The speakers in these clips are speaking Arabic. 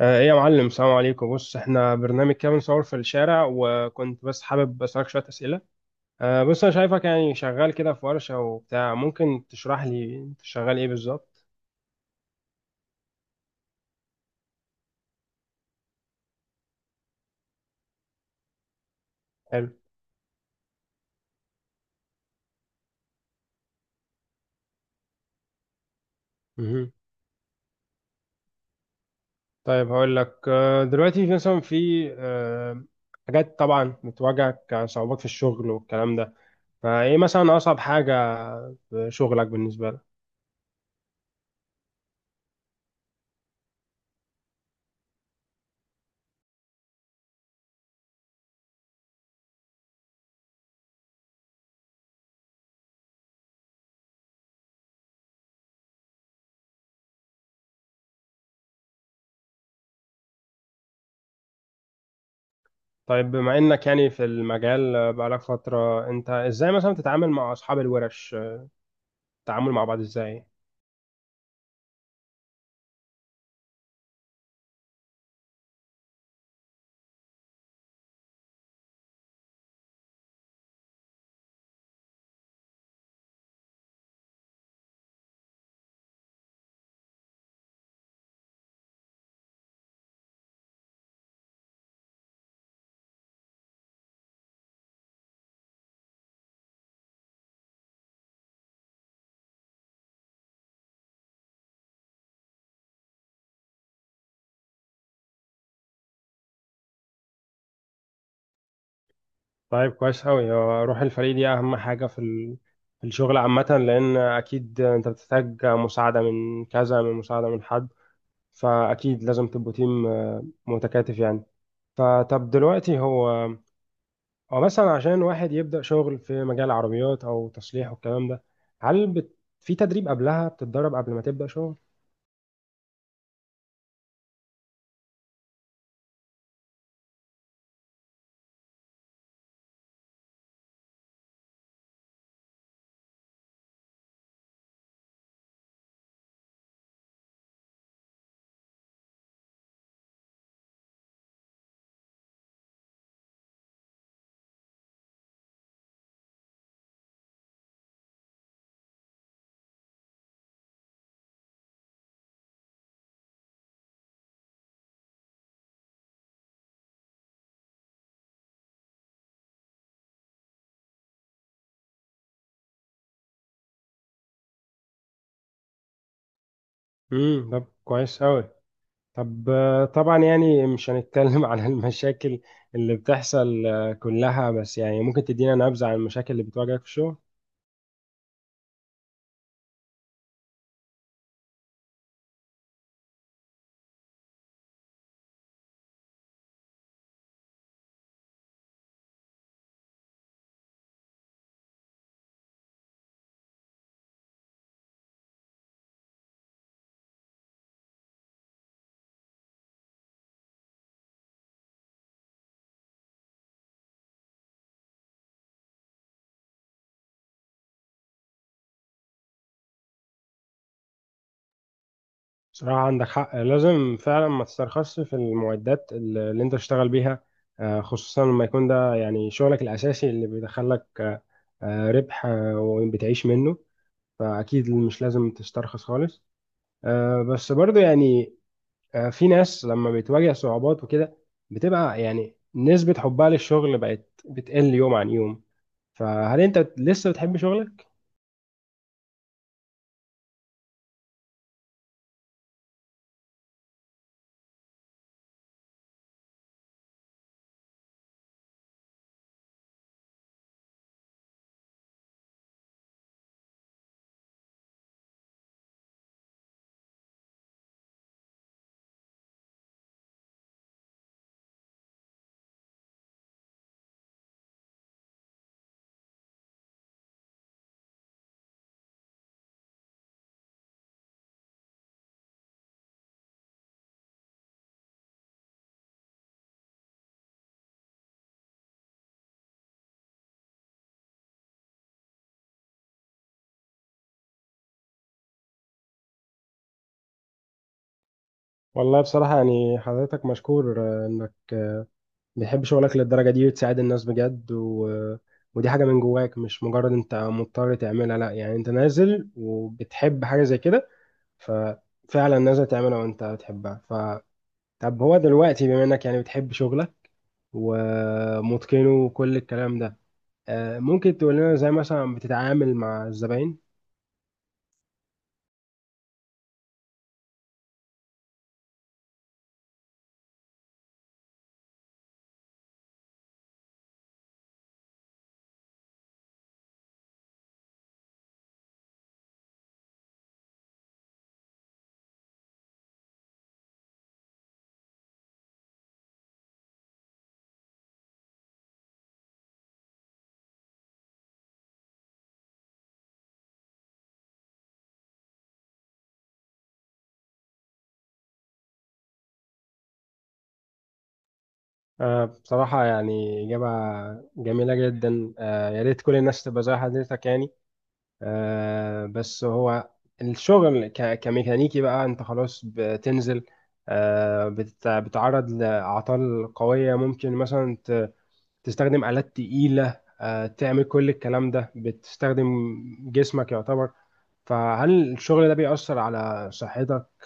ايه يا معلم، السلام عليكم. بص، احنا برنامج كده بنصور في الشارع وكنت بس حابب اسالك شويه اسئله. بص انا شايفك يعني شغال كده في ورشه وبتاع. ممكن تشرح لي انت شغال ايه بالظبط؟ حلو. مهم. طيب، هقول لك، دلوقتي في مثلا في آه، حاجات طبعا بتواجهك كصعوبات في الشغل والكلام ده. فايه مثلا اصعب حاجه في شغلك بالنسبه لك؟ طيب، بما انك يعني في المجال بقالك فتره، انت ازاي مثلا تتعامل مع اصحاب الورش؟ التعامل مع بعض ازاي؟ طيب، كويس أوي. هو روح الفريق دي أهم حاجة في الشغل عامة، لأن أكيد أنت بتحتاج مساعدة من كذا، من مساعدة من حد. فأكيد لازم تبقوا تيم متكاتف يعني. فطب، دلوقتي هو مثلا عشان واحد يبدأ شغل في مجال العربيات أو تصليح والكلام ده، هل في تدريب قبلها؟ بتتدرب قبل ما تبدأ شغل؟ طب، كويس أوي. طب طبعا يعني مش هنتكلم عن المشاكل اللي بتحصل كلها، بس يعني ممكن تدينا نبذة عن المشاكل اللي بتواجهك في الشغل؟ بصراحة عندك حق. لازم فعلا ما تسترخصش في المعدات اللي انت بتشتغل بيها. خصوصا لما يكون ده يعني شغلك الأساسي اللي بيدخلك ربح، وبتعيش منه. فأكيد مش لازم تسترخص خالص. بس برضو يعني، في ناس لما بتواجه صعوبات وكده بتبقى يعني نسبة حبها للشغل بقت بتقل يوم عن يوم. فهل انت لسه بتحب شغلك؟ والله بصراحة يعني، حضرتك مشكور انك بتحب شغلك للدرجة دي وتساعد الناس بجد و... آه، ودي حاجة من جواك، مش مجرد انت مضطر تعملها، لا يعني انت نازل وبتحب حاجة زي كده، ففعلا نازل تعملها وانت بتحبها. طب، هو دلوقتي بما انك يعني بتحب شغلك ومتقنه وكل الكلام ده، ممكن تقول لنا ازاي مثلا بتتعامل مع الزباين؟ بصراحة يعني إجابة جميلة جدا. يا ريت كل الناس تبقى زي حضرتك يعني. بس هو الشغل كميكانيكي بقى، أنت خلاص بتنزل بتتعرض لأعطال قوية، ممكن مثلا تستخدم آلات تقيلة، تعمل كل الكلام ده بتستخدم جسمك يعتبر. فهل الشغل ده بيأثر على صحتك؟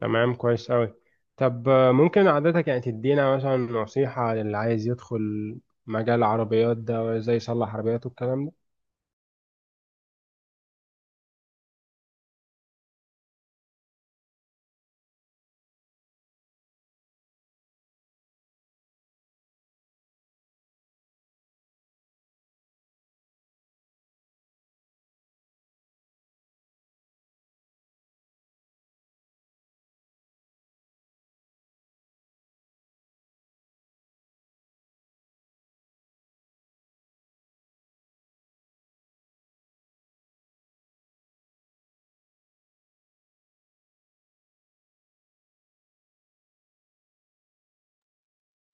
تمام، كويس أوي. طب ممكن عادتك يعني تدينا مثلا نصيحة للي عايز يدخل مجال العربيات ده وازاي يصلح عربياته والكلام ده؟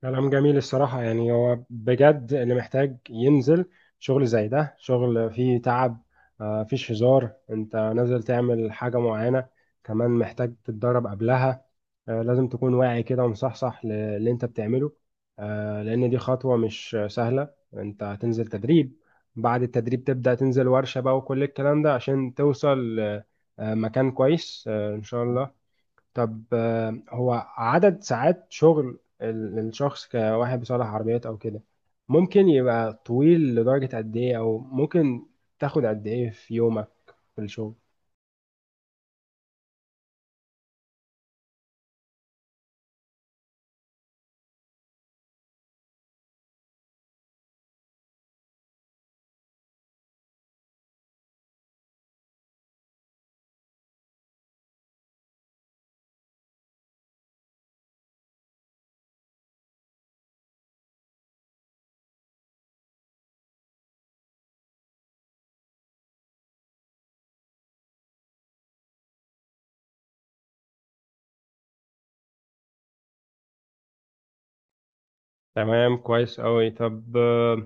كلام جميل الصراحة، يعني هو بجد اللي محتاج ينزل شغل زي ده، شغل فيه تعب. مفيش هزار، انت نازل تعمل حاجة معينة، كمان محتاج تتدرب قبلها. لازم تكون واعي كده ومصحصح للي انت بتعمله، لأن دي خطوة مش سهلة. انت هتنزل تدريب، بعد التدريب تبدأ تنزل ورشة بقى وكل الكلام ده عشان توصل مكان كويس، إن شاء الله. طب هو عدد ساعات شغل الشخص كواحد بيصلح عربيات او كده ممكن يبقى طويل لدرجة قد ايه؟ او ممكن تاخد قد ايه في يومك في الشغل؟ تمام، كويس قوي. طب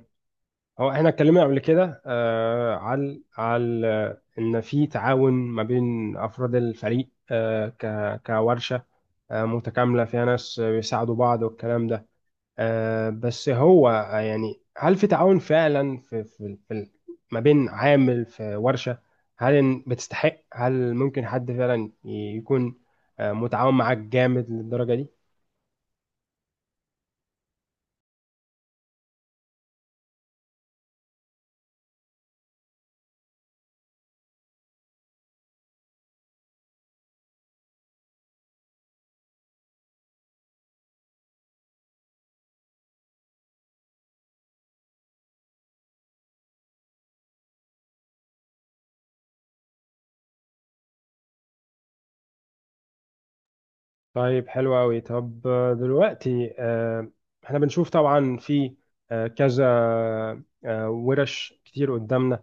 هو احنا اتكلمنا قبل كده على ان في تعاون ما بين افراد الفريق، آه ك كورشة متكاملة، فيها ناس بيساعدوا بعض والكلام ده. بس هو يعني هل في تعاون فعلا ما بين عامل في ورشة؟ هل بتستحق؟ هل ممكن حد فعلا يكون متعاون معاك جامد للدرجة دي؟ طيب، حلو أوي. طب دلوقتي احنا بنشوف طبعا في كذا ورش كتير قدامنا.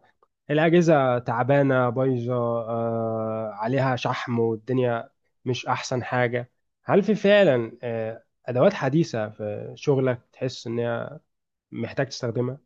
الأجهزة تعبانة، بايظة، عليها شحم والدنيا مش أحسن حاجة. هل في فعلا أدوات حديثة في شغلك تحس إن هي محتاج تستخدمها؟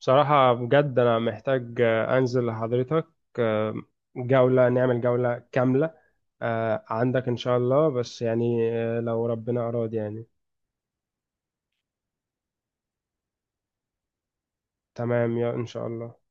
بصراحة بجد أنا محتاج أنزل لحضرتك آه، جولة، نعمل جولة كاملة عندك إن شاء الله، بس يعني لو ربنا أراد يعني. تمام، يا إن شاء الله.